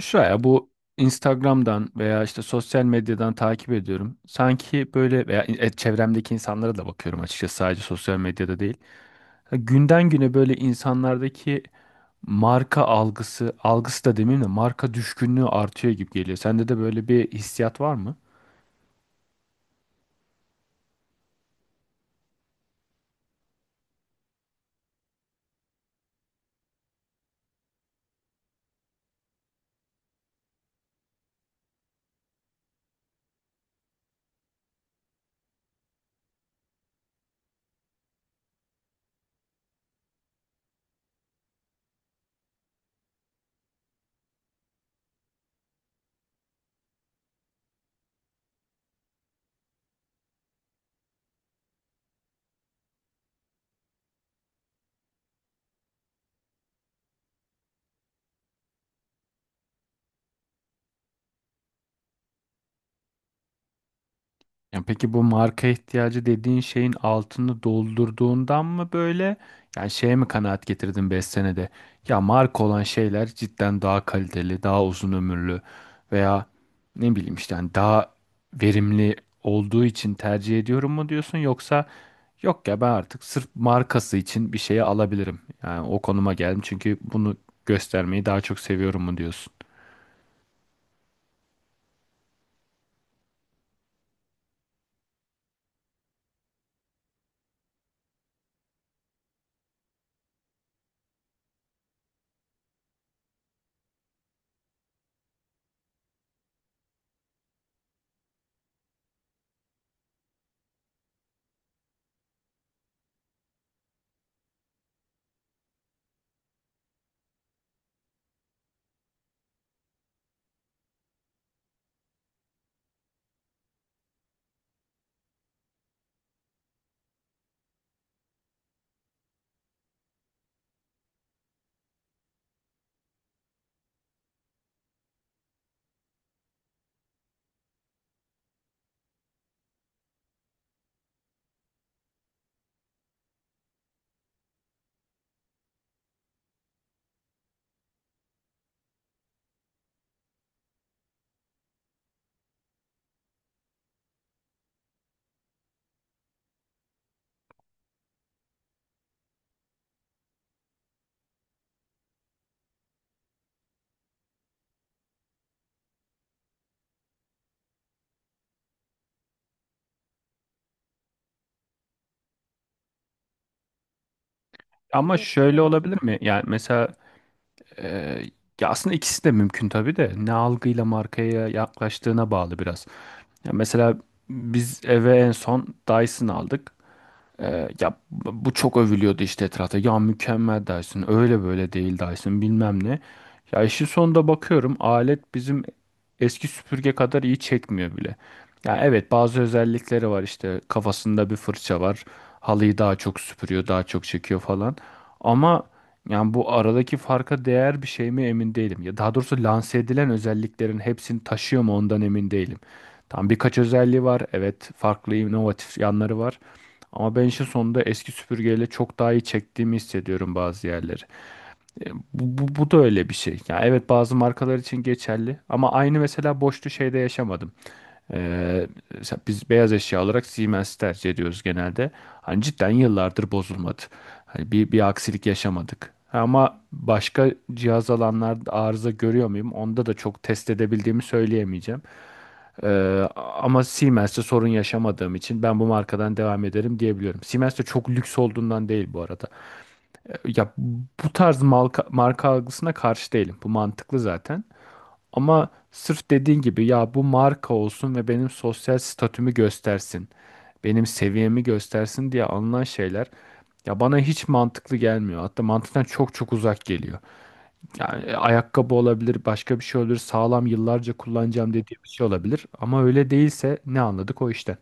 Şuraya bu Instagram'dan veya işte sosyal medyadan takip ediyorum. Sanki böyle veya çevremdeki insanlara da bakıyorum, açıkçası sadece sosyal medyada değil. Ya günden güne böyle insanlardaki marka algısı, algısı da demeyeyim de, marka düşkünlüğü artıyor gibi geliyor. Sende de böyle bir hissiyat var mı? Yani peki bu marka ihtiyacı dediğin şeyin altını doldurduğundan mı, böyle yani şeye mi kanaat getirdin 5 senede? Ya marka olan şeyler cidden daha kaliteli, daha uzun ömürlü veya ne bileyim işte hani daha verimli olduğu için tercih ediyorum mu diyorsun, yoksa yok ya ben artık sırf markası için bir şeyi alabilirim. Yani o konuma geldim çünkü bunu göstermeyi daha çok seviyorum mu diyorsun? Ama şöyle olabilir mi? Yani mesela Ee, ya aslında ikisi de mümkün tabii de, ne algıyla markaya yaklaştığına bağlı biraz. Ya mesela biz eve en son Dyson aldık. Ya bu çok övülüyordu işte etrafta. Ya mükemmel Dyson, öyle böyle değil Dyson bilmem ne. Ya işin sonunda bakıyorum alet bizim eski süpürge kadar iyi çekmiyor bile. Ya evet bazı özellikleri var, işte kafasında bir fırça var. Halıyı daha çok süpürüyor, daha çok çekiyor falan. Ama yani bu aradaki farka değer bir şey mi emin değilim. Ya daha doğrusu lanse edilen özelliklerin hepsini taşıyor mu ondan emin değilim. Tam birkaç özelliği var. Evet, farklı inovatif yanları var. Ama ben işin sonunda eski süpürgeyle çok daha iyi çektiğimi hissediyorum bazı yerleri. Bu da öyle bir şey. Ya evet bazı markalar için geçerli, ama aynı mesela boşlu şeyde yaşamadım. E, Mesela biz beyaz eşya olarak Siemens tercih ediyoruz genelde. Hani cidden yıllardır bozulmadı. Hani bir aksilik yaşamadık. Ama başka cihaz alanlarda arıza görüyor muyum? Onda da çok test edebildiğimi söyleyemeyeceğim. Ama Siemens'te sorun yaşamadığım için ben bu markadan devam ederim diyebiliyorum. Siemens de çok lüks olduğundan değil bu arada. Ya bu tarz marka algısına karşı değilim. Bu mantıklı zaten. Ama sırf dediğin gibi ya bu marka olsun ve benim sosyal statümü göstersin. Benim seviyemi göstersin diye alınan şeyler ya bana hiç mantıklı gelmiyor. Hatta mantıktan çok çok uzak geliyor. Yani ayakkabı olabilir, başka bir şey olur, sağlam yıllarca kullanacağım dediği bir şey olabilir. Ama öyle değilse ne anladık o işten?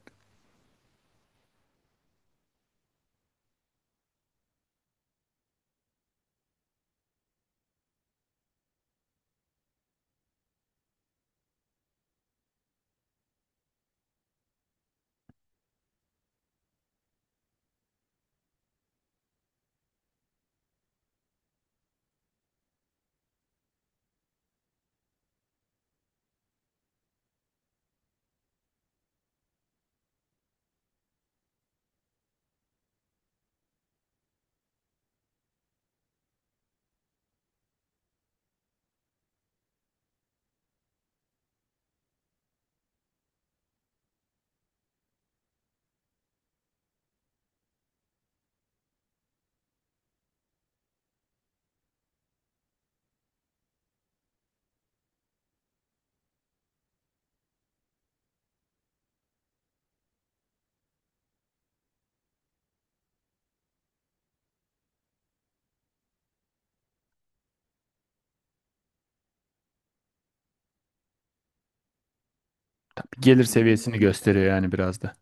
Gelir seviyesini gösteriyor yani biraz da.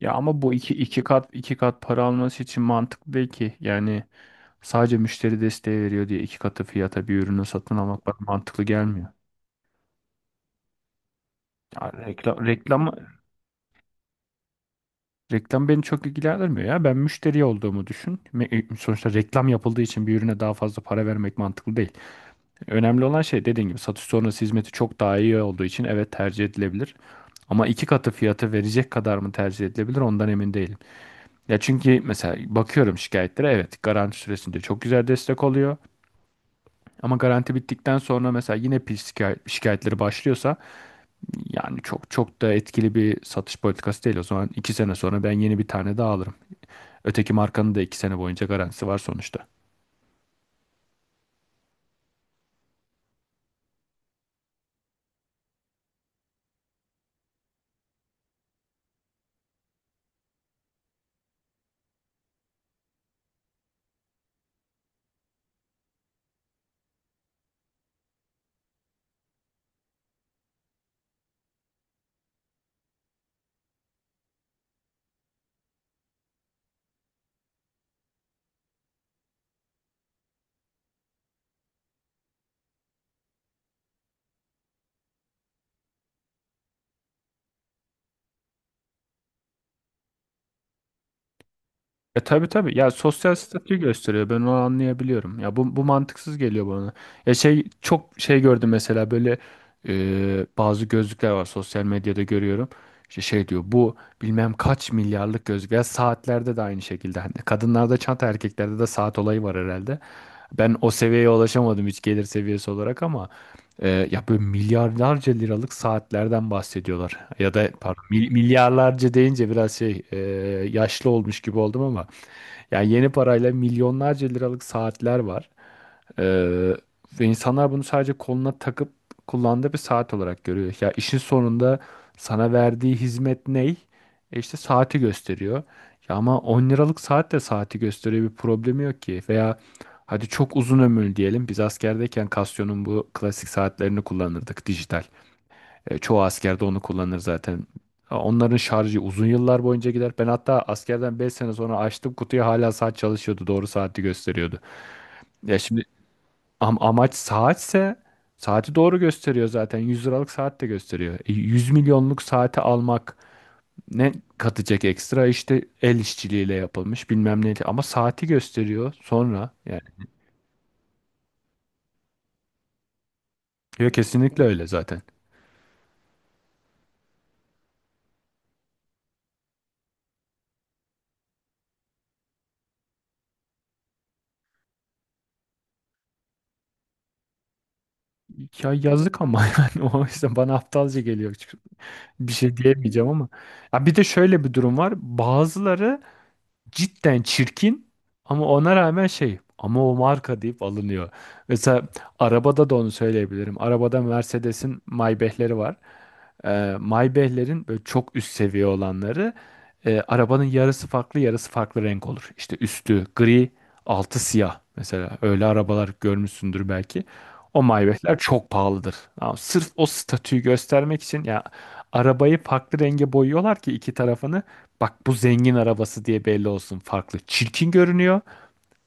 Ya ama bu iki kat iki kat para alması için mantıklı değil ki. Yani sadece müşteri desteği veriyor diye iki katı fiyata bir ürünü satın almak bana mantıklı gelmiyor. Ya reklam beni çok ilgilendirmiyor ya. Ben müşteri olduğumu düşün. Sonuçta reklam yapıldığı için bir ürüne daha fazla para vermek mantıklı değil. Önemli olan şey dediğim gibi, satış sonrası hizmeti çok daha iyi olduğu için evet tercih edilebilir. Ama iki katı fiyatı verecek kadar mı tercih edilebilir ondan emin değilim. Ya çünkü mesela bakıyorum şikayetlere, evet garanti süresince çok güzel destek oluyor. Ama garanti bittikten sonra mesela yine pil şikayetleri başlıyorsa, yani çok çok da etkili bir satış politikası değil. O zaman 2 sene sonra ben yeni bir tane daha alırım. Öteki markanın da 2 sene boyunca garantisi var sonuçta. E tabii, tabii. Ya sosyal statü gösteriyor. Ben onu anlayabiliyorum. Ya bu mantıksız geliyor bana. Ya şey, çok şey gördüm mesela böyle, bazı gözlükler var sosyal medyada görüyorum. İşte şey diyor bu, bilmem kaç milyarlık gözlük. Ya saatlerde de aynı şekilde. Hani kadınlarda çanta, erkeklerde de saat olayı var herhalde. Ben o seviyeye ulaşamadım hiç gelir seviyesi olarak, ama ya böyle milyarlarca liralık saatlerden bahsediyorlar. Ya da pardon, milyarlarca deyince biraz şey, yaşlı olmuş gibi oldum, ama yani yeni parayla milyonlarca liralık saatler var. Ee, Ve insanlar bunu sadece koluna takıp kullandığı bir saat olarak görüyor. Ya işin sonunda sana verdiği hizmet ney? E işte saati gösteriyor. Ya ama 10 liralık saat de saati gösteriyor, bir problemi yok ki. Veya hadi çok uzun ömürlü diyelim. Biz askerdeyken Casio'nun bu klasik saatlerini kullanırdık, dijital. Çoğu askerde onu kullanır zaten. Ha, onların şarjı uzun yıllar boyunca gider. Ben hatta askerden 5 sene sonra açtım kutuyu, hala saat çalışıyordu. Doğru saati gösteriyordu. Ya şimdi amaç saatse, saati doğru gösteriyor zaten. 100 liralık saat de gösteriyor. 100 milyonluk saati almak ne katacak ekstra? İşte el işçiliğiyle yapılmış bilmem neydi. Ama saati gösteriyor sonra yani. Yok, kesinlikle öyle zaten. Ya yazık ama yani o yüzden bana aptalca geliyor, bir şey diyemeyeceğim ama. Ya bir de şöyle bir durum var. Bazıları cidden çirkin ama ona rağmen, şey, ama o marka deyip alınıyor. Mesela arabada da onu söyleyebilirim. Arabada Mercedes'in Maybach'leri var. Maybach'lerin böyle çok üst seviye olanları, arabanın yarısı farklı, yarısı farklı renk olur. İşte üstü gri, altı siyah mesela, öyle arabalar görmüşsündür belki. O Maybach'ler çok pahalıdır. Ama sırf o statüyü göstermek için ya arabayı farklı renge boyuyorlar ki iki tarafını, bak bu zengin arabası diye belli olsun farklı. Çirkin görünüyor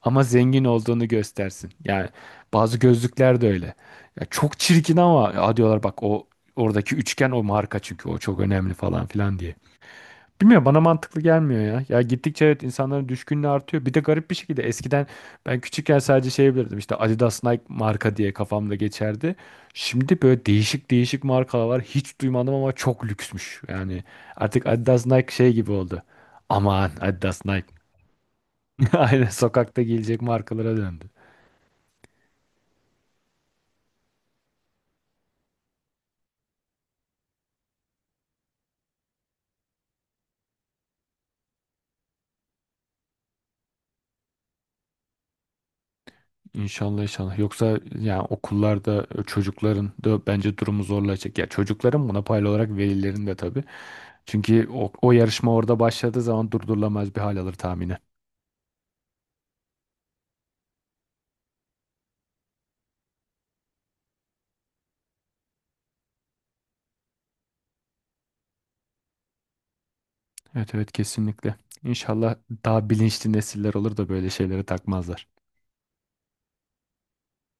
ama zengin olduğunu göstersin. Yani bazı gözlükler de öyle. Ya çok çirkin, ama ya diyorlar, bak o oradaki üçgen o marka çünkü, o çok önemli falan filan diye. Bilmiyorum, bana mantıklı gelmiyor ya. Ya gittikçe evet insanların düşkünlüğü artıyor. Bir de garip bir şekilde, eskiden ben küçükken sadece şey bilirdim, işte Adidas, Nike marka diye kafamda geçerdi. Şimdi böyle değişik değişik markalar var. Hiç duymadım ama çok lüksmüş. Yani artık Adidas, Nike şey gibi oldu. Aman Adidas, Nike. Aynen sokakta giyilecek markalara döndü. İnşallah, inşallah. Yoksa yani okullarda çocukların da bence durumu zorlayacak. Ya çocukların buna paylı olarak velilerin de tabii. Çünkü o yarışma orada başladığı zaman durdurulamaz bir hal alır tahminen. Evet evet, kesinlikle. İnşallah daha bilinçli nesiller olur da böyle şeylere takmazlar.